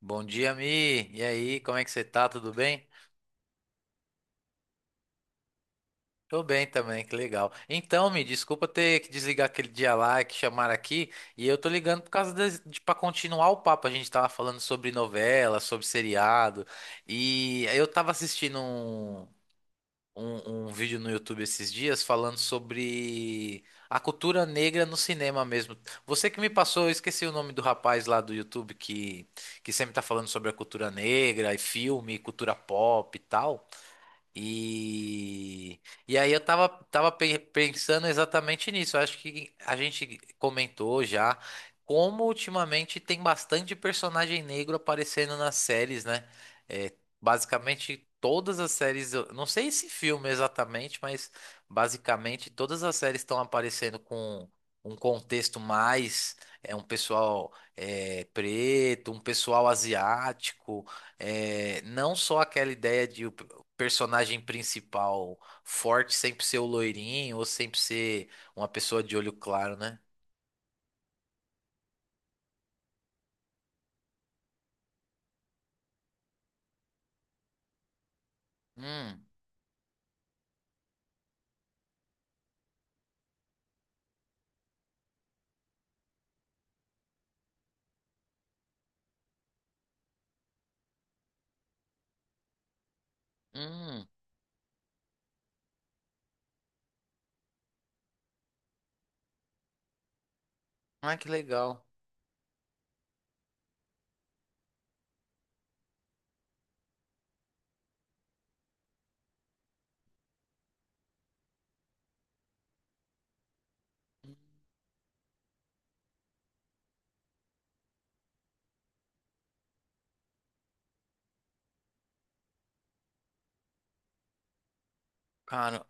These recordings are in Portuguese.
Bom dia, Mi. E aí, como é que você tá? Tudo bem? Tô bem também, que legal. Então, Mi, desculpa ter que desligar aquele dia lá que chamaram aqui. E eu tô ligando por causa de para continuar o papo. A gente tava falando sobre novela, sobre seriado. E eu tava assistindo um vídeo no YouTube esses dias falando sobre a cultura negra no cinema mesmo. Você que me passou, eu esqueci o nome do rapaz lá do YouTube que sempre tá falando sobre a cultura negra e filme, cultura pop e tal. E, e aí eu pensando exatamente nisso. Eu acho que a gente comentou já como ultimamente tem bastante personagem negro aparecendo nas séries, né? É, basicamente todas as séries, eu não sei esse filme exatamente, mas basicamente todas as séries estão aparecendo com um contexto mais é um pessoal é, preto, um pessoal asiático. É, não só aquela ideia de personagem principal forte sempre ser o loirinho ou sempre ser uma pessoa de olho claro, né? Hum, hum. Ah, que legal. Cara,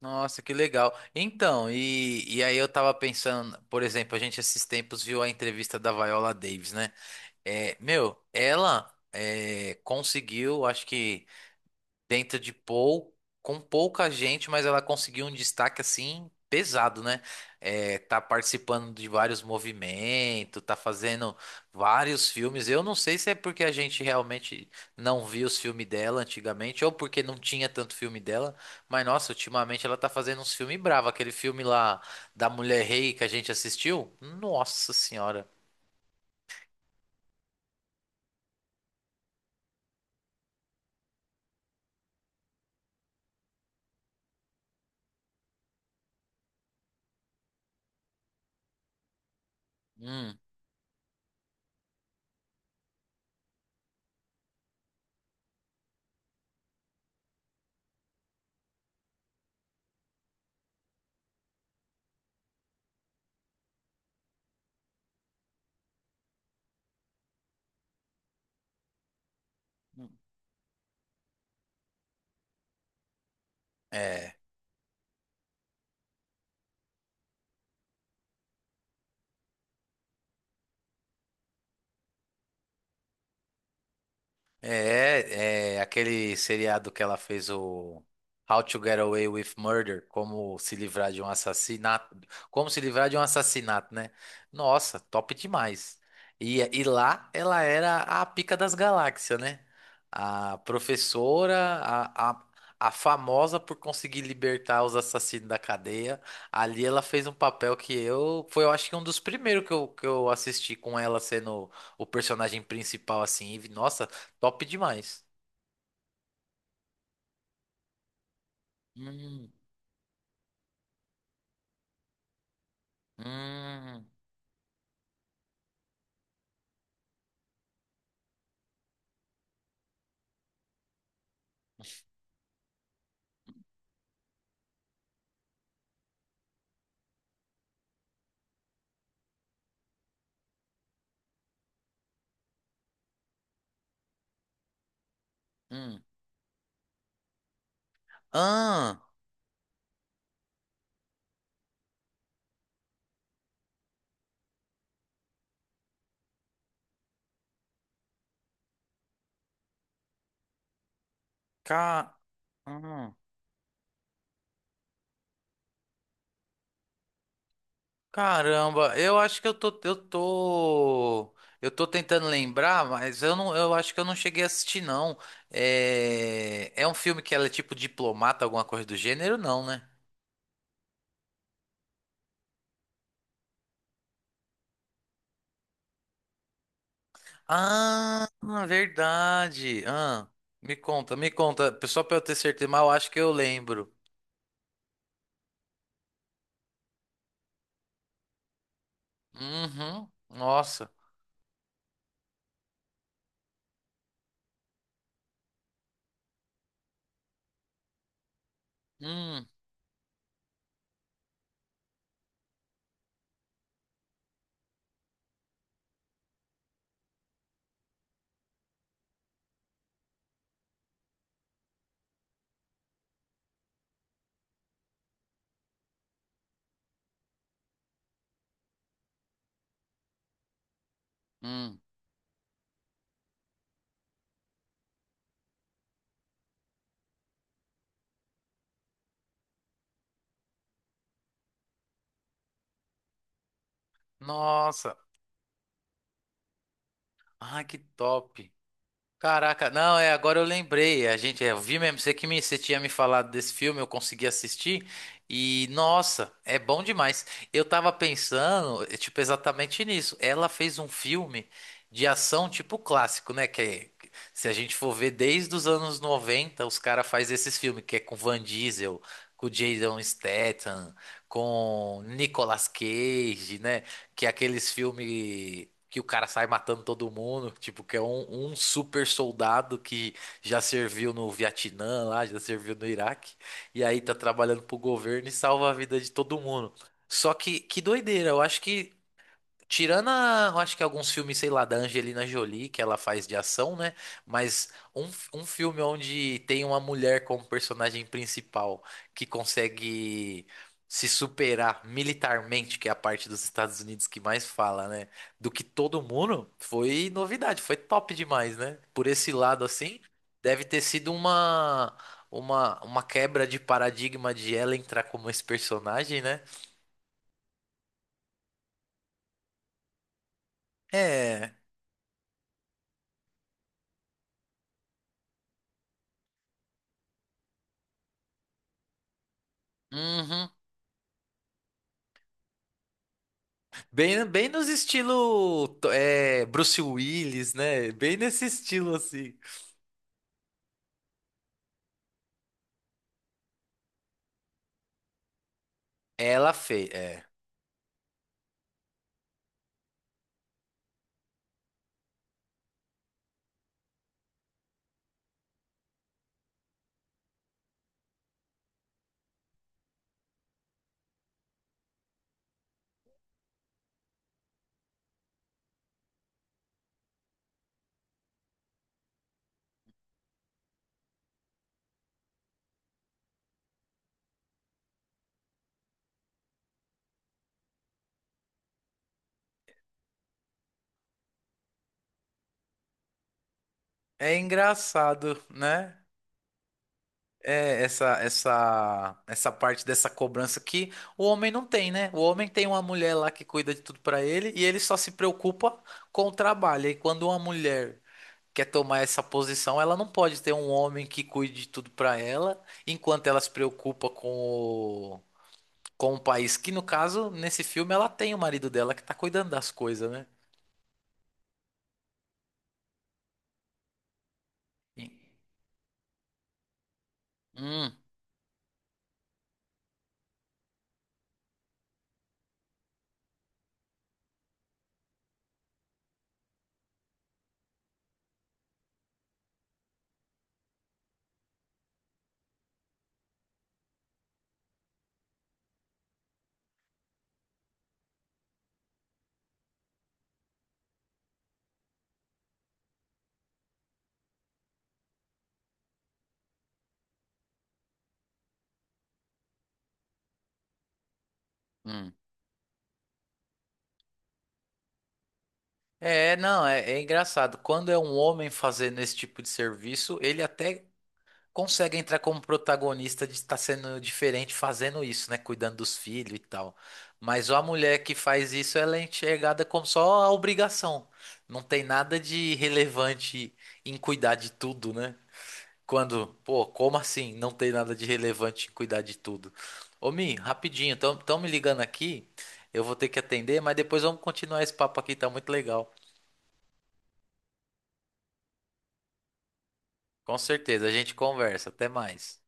nossa, que legal. Então, e aí eu tava pensando, por exemplo, a gente esses tempos viu a entrevista da Viola Davis, né? É, meu, ela é, conseguiu, acho que dentro de pou, com pouca gente, mas ela conseguiu um destaque assim pesado, né? É, tá participando de vários movimentos, tá fazendo vários filmes. Eu não sei se é porque a gente realmente não viu os filmes dela antigamente ou porque não tinha tanto filme dela, mas nossa, ultimamente ela tá fazendo uns filmes bravos. Aquele filme lá da Mulher Rei que a gente assistiu, nossa senhora. Hum, é. É, é aquele seriado que ela fez o How to Get Away with Murder, como se livrar de um assassinato, como se livrar de um assassinato, né? Nossa, top demais. E lá ela era a pica das galáxias, né? A professora, a famosa por conseguir libertar os assassinos da cadeia. Ali ela fez um papel que eu, foi eu acho que um dos primeiros que eu assisti com ela sendo o personagem principal assim, e, nossa, top demais. Hum, hum, hum. Ah, ca... hum. Caramba, eu acho que eu tô tentando lembrar, mas eu não, eu acho que eu não cheguei a assistir, não. É, é um filme que ela é tipo diplomata, alguma coisa do gênero, não, né? Ah, verdade. Ah, me conta, me conta. Só pra eu ter certeza, mas eu acho que eu lembro. Uhum, nossa. Hum, hum. Nossa. Ai, que top. Caraca, não, é, agora eu lembrei. A gente, é, eu vi mesmo, você que me, você tinha me falado desse filme, eu consegui assistir. E, nossa, é bom demais. Eu tava pensando, tipo, exatamente nisso. Ela fez um filme de ação, tipo, clássico, né? Que se a gente for ver desde os anos 90, os caras fazem esses filmes, que é com Van Diesel, com Jason Statham, com Nicolas Cage, né? Que é aqueles filmes que o cara sai matando todo mundo, tipo, que é um super soldado que já serviu no Vietnã lá, já serviu no Iraque, e aí tá trabalhando pro governo e salva a vida de todo mundo. Só que doideira, eu acho que tirando, eu acho que alguns filmes, sei lá, da Angelina Jolie, que ela faz de ação, né? Mas um filme onde tem uma mulher como personagem principal que consegue se superar militarmente, que é a parte dos Estados Unidos que mais fala, né? Do que todo mundo, foi novidade, foi top demais, né? Por esse lado, assim, deve ter sido uma quebra de paradigma de ela entrar como esse personagem, né? É. Uhum. Bem, é, Bruce Willis, né? Bem nesse estilo assim. Ela fez, é. É engraçado, né? É essa parte dessa cobrança que o homem não tem, né? O homem tem uma mulher lá que cuida de tudo pra ele e ele só se preocupa com o trabalho. E quando uma mulher quer tomar essa posição, ela não pode ter um homem que cuide de tudo pra ela, enquanto ela se preocupa com um país que, no caso, nesse filme, ela tem o marido dela que tá cuidando das coisas, né? E- Hum, hum. É, não, é, é engraçado. Quando é um homem fazendo esse tipo de serviço, ele até consegue entrar como protagonista de estar sendo diferente fazendo isso, né? Cuidando dos filhos e tal. Mas a mulher que faz isso, ela é enxergada como só a obrigação. Não tem nada de relevante em cuidar de tudo, né? Quando, pô, como assim? Não tem nada de relevante em cuidar de tudo. Ô, Mi, rapidinho, estão me ligando aqui. Eu vou ter que atender, mas depois vamos continuar esse papo aqui, tá muito legal. Com certeza, a gente conversa. Até mais.